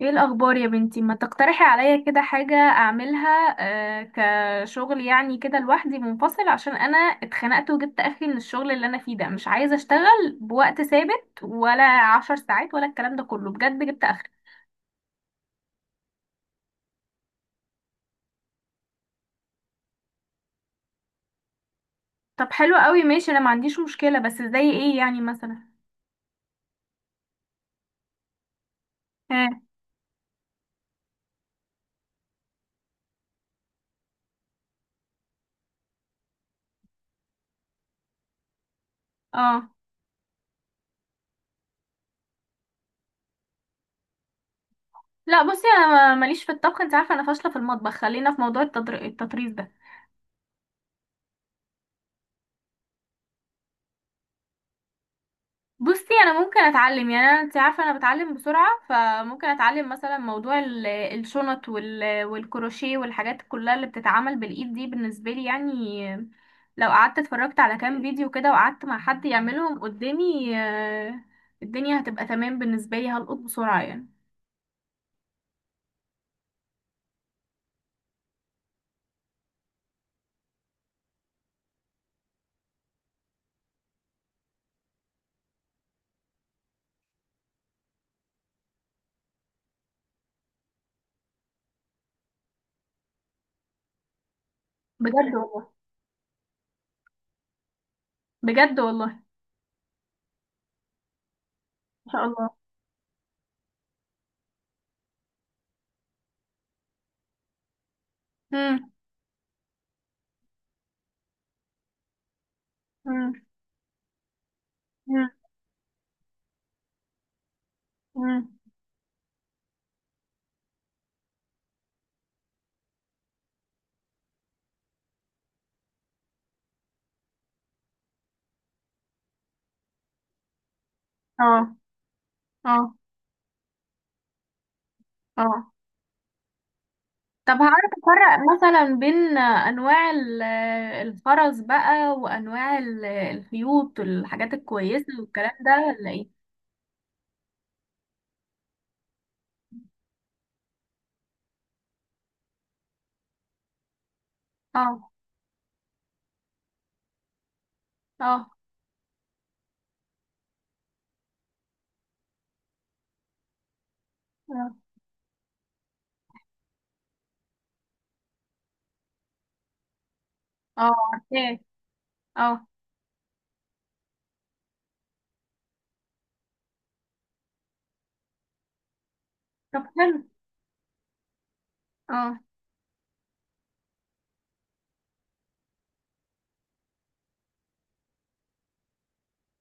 ايه الاخبار يا بنتي؟ ما تقترحي عليا كده حاجة اعملها. آه، كشغل يعني كده لوحدي منفصل، عشان انا اتخنقت وجبت اخري من الشغل اللي انا فيه ده. مش عايزة اشتغل بوقت ثابت، ولا عشر ساعات، ولا الكلام ده كله. بجد جبت اخري. طب حلو قوي، ماشي، انا ما عنديش مشكلة، بس زي ايه يعني مثلا؟ ها. اه. لا بصي، انا ماليش في الطبخ، انت عارفة انا فاشلة في المطبخ. خلينا في موضوع التطريز ده. بصي انا ممكن اتعلم، يعني انا انت عارفه انا بتعلم بسرعه، فممكن اتعلم مثلا موضوع الشنط والكروشيه والحاجات كلها اللي بتتعمل بالايد دي بالنسبه لي يعني. لو قعدت اتفرجت على كام فيديو كده، وقعدت مع حد يعملهم قدامي الدنيا هتبقى تمام بالنسبه لي، هلقط بسرعه يعني. بجد والله. بجد والله. ما شاء الله. مم. مم. مم. مم. اه. اه. اه. طب هعرف افرق مثلا بين انواع الخرز بقى، وانواع الخيوط والحاجات الكويسه والكلام ده، ولا ايه؟ اه. اه. اه. اه عارفاه. اه طب حلو. اه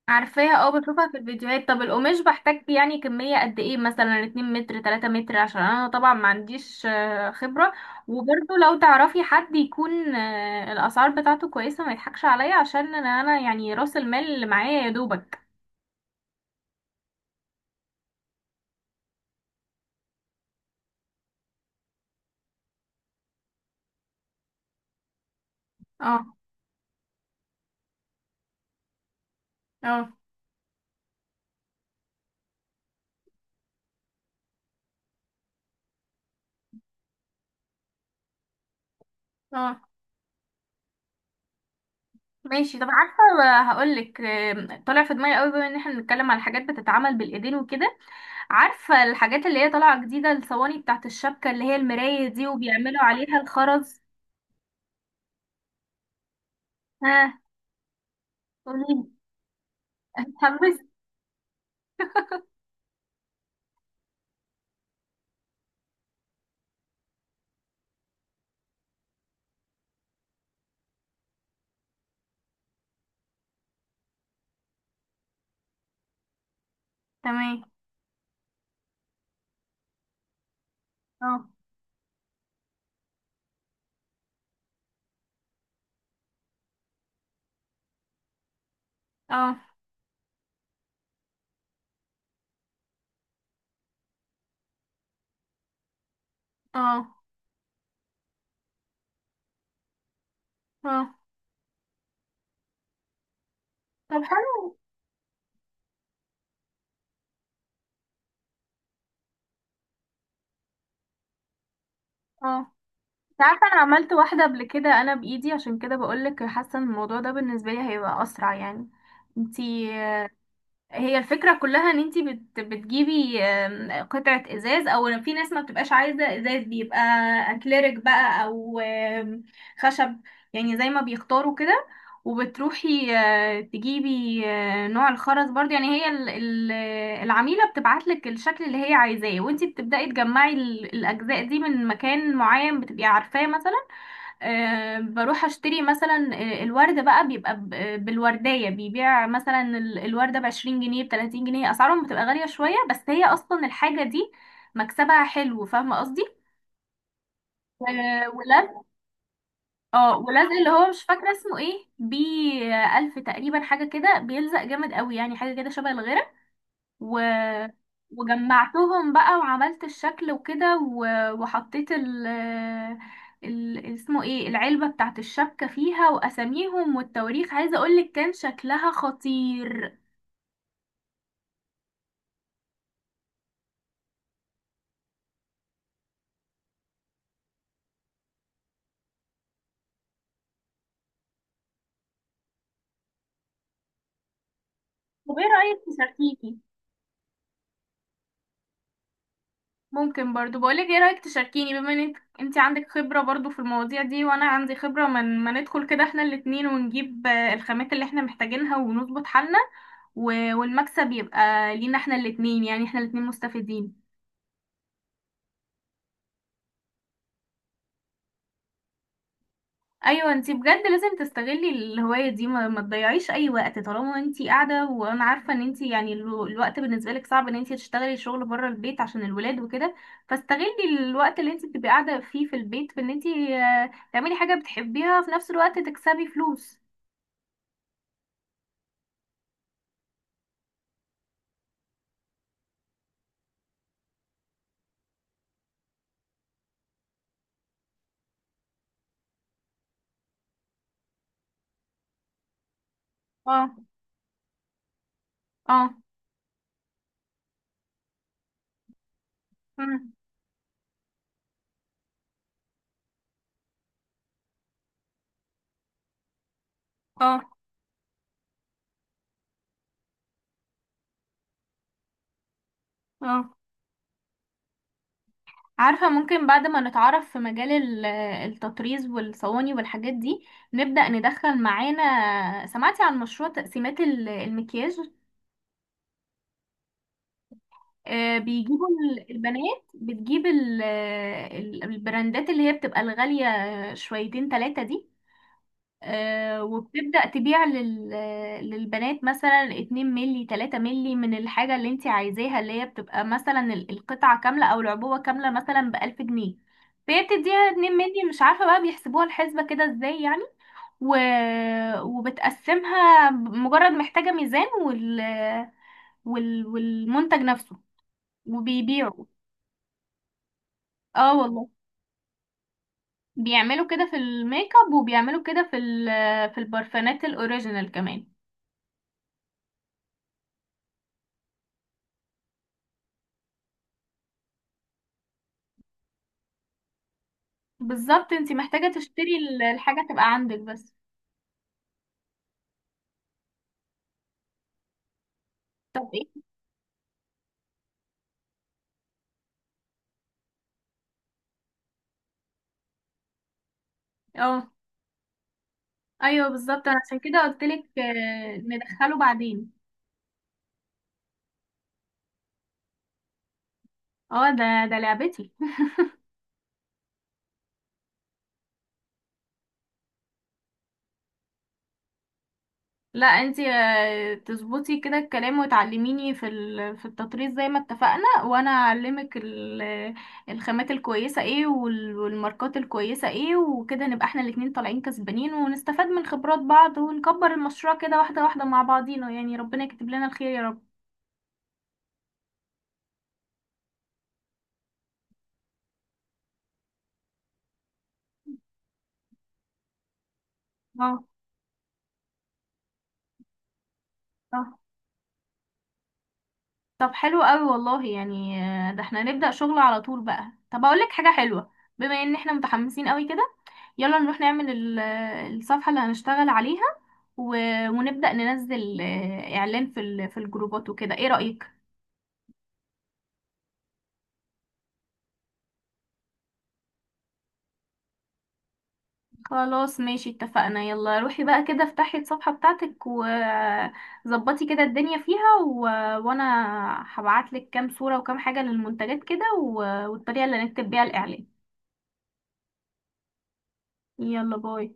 عارفاها، اه بشوفها في الفيديوهات. طب القماش بحتاج يعني كميه قد ايه؟ مثلا 2 متر 3 متر، عشان انا طبعا ما عنديش خبره. وبرضه لو تعرفي حد يكون الاسعار بتاعته كويسه، ما يضحكش عليا، عشان انا يعني راس المال اللي معايا يا دوبك. اه. اه. اه. ماشي، طب عارفه، هقول لك. طالع في دماغي قوي، بما ان احنا بنتكلم على حاجات بتتعمل بالايدين وكده، عارفه الحاجات اللي هي طالعه جديده، الصواني بتاعت الشبكه، اللي هي المرايه دي، وبيعملوا عليها الخرز. ها. قولي. اتحمست. تمام. اه. اه. اه. اه طب حلو. اه. انت عارفه انا عملت واحده قبل كده، انا بايدي، عشان كده بقول لك حاسه ان الموضوع ده بالنسبه لي هيبقى اسرع يعني. انتي، هي الفكرة كلها ان انتي بتجيبي قطعة ازاز، او في ناس ما بتبقاش عايزة ازاز، بيبقى اكليريك بقى، او خشب، يعني زي ما بيختاروا كده. وبتروحي تجيبي نوع الخرز برضه. يعني هي العميلة بتبعتلك الشكل اللي هي عايزاه، وانتي بتبدأي تجمعي الأجزاء دي من مكان معين بتبقي عارفاه. مثلا بروح اشتري مثلا الورد بقى، بيبقى بالوردية. بيبيع مثلا الوردة بعشرين جنيه بتلاتين جنيه، اسعارهم بتبقى غالية شوية، بس هي اصلا الحاجة دي مكسبها حلو، فاهمة قصدي؟ ولاد. اه ولاد اللي هو مش فاكرة اسمه ايه، بي ألف تقريبا، حاجة كده بيلزق جامد قوي، يعني حاجة كده شبه الغيرة. و... وجمعتهم بقى وعملت الشكل وكده، وحطيت اسمه ايه، العلبة بتاعت الشبكة، فيها واساميهم والتواريخ. عايزة اقولك كان شكلها خطير. طب ايه رأيك تشاركيني؟ ممكن برضو بقولك، ايه رأيك تشاركيني؟ بما انك انت عندك خبرة برضو في المواضيع دي، وانا عندي خبرة، من ما ندخل كده احنا الاتنين، ونجيب الخامات اللي احنا محتاجينها، ونظبط حالنا، والمكسب يبقى لينا احنا الاتنين، يعني احنا الاتنين مستفيدين. ايوه انتي بجد لازم تستغلي الهوايه دي، ما تضيعيش اي وقت طالما انتي قاعده. وانا عارفه ان انتي يعني الوقت بالنسبه لك صعب ان انتي تشتغلي شغل بره البيت عشان الولاد وكده. فاستغلي الوقت اللي انتي بتبقي قاعده فيه في البيت، في ان انتي تعملي حاجه بتحبيها، في نفس الوقت تكسبي فلوس. اه. اه. مم. اه. اه. عارفة، ممكن بعد ما نتعرف في مجال التطريز والصواني والحاجات دي، نبدأ ندخل معانا. سمعتي عن مشروع تقسيمات المكياج؟ بيجيبوا البنات، بتجيب البراندات اللي هي بتبقى الغالية شويتين تلاتة دي، وبتبدأ تبيع للبنات مثلا 2 ملي 3 ملي من الحاجة اللي انت عايزاها، اللي هي بتبقى مثلا القطعة كاملة أو العبوة كاملة مثلا بألف جنيه. فهي بتديها 2 ملي، مش عارفة بقى بيحسبوها الحسبة كده ازاي يعني. و... وبتقسمها، مجرد محتاجة ميزان والمنتج نفسه، وبيبيعه. اه والله. بيعملوا كده في الميك اب، وبيعملوا كده في في البرفانات الاوريجينال كمان. بالظبط، انتي محتاجة تشتري الحاجة تبقى عندك بس. طب ايه؟ اه ايوه بالظبط، انا عشان كده قلتلك ندخله بعدين. اه، ده لعبتي. لا انتي تظبطي كده الكلام، وتعلميني في في التطريز زي ما اتفقنا، وانا اعلمك الخامات الكويسه ايه، والماركات الكويسه ايه، وكده نبقى احنا الاتنين طالعين كسبانين، ونستفاد من خبرات بعض، ونكبر المشروع كده واحده واحده مع بعضينا، يعني ربنا يكتب لنا الخير يا رب. اه. اه. طب حلو قوي والله، يعني ده احنا نبدأ شغل على طول بقى. طب اقول لك حاجة حلوة، بما ان احنا متحمسين قوي كده، يلا نروح نعمل الصفحة اللي هنشتغل عليها، و... ونبدأ ننزل اعلان في في الجروبات وكده، ايه رأيك؟ خلاص ماشي، اتفقنا. يلا روحي بقى كده، افتحي الصفحة بتاعتك وظبطي كده الدنيا فيها، وانا هبعتلك كام صورة وكام حاجة للمنتجات كده، والطريقة اللي هنكتب بيها الاعلان. يلا باي.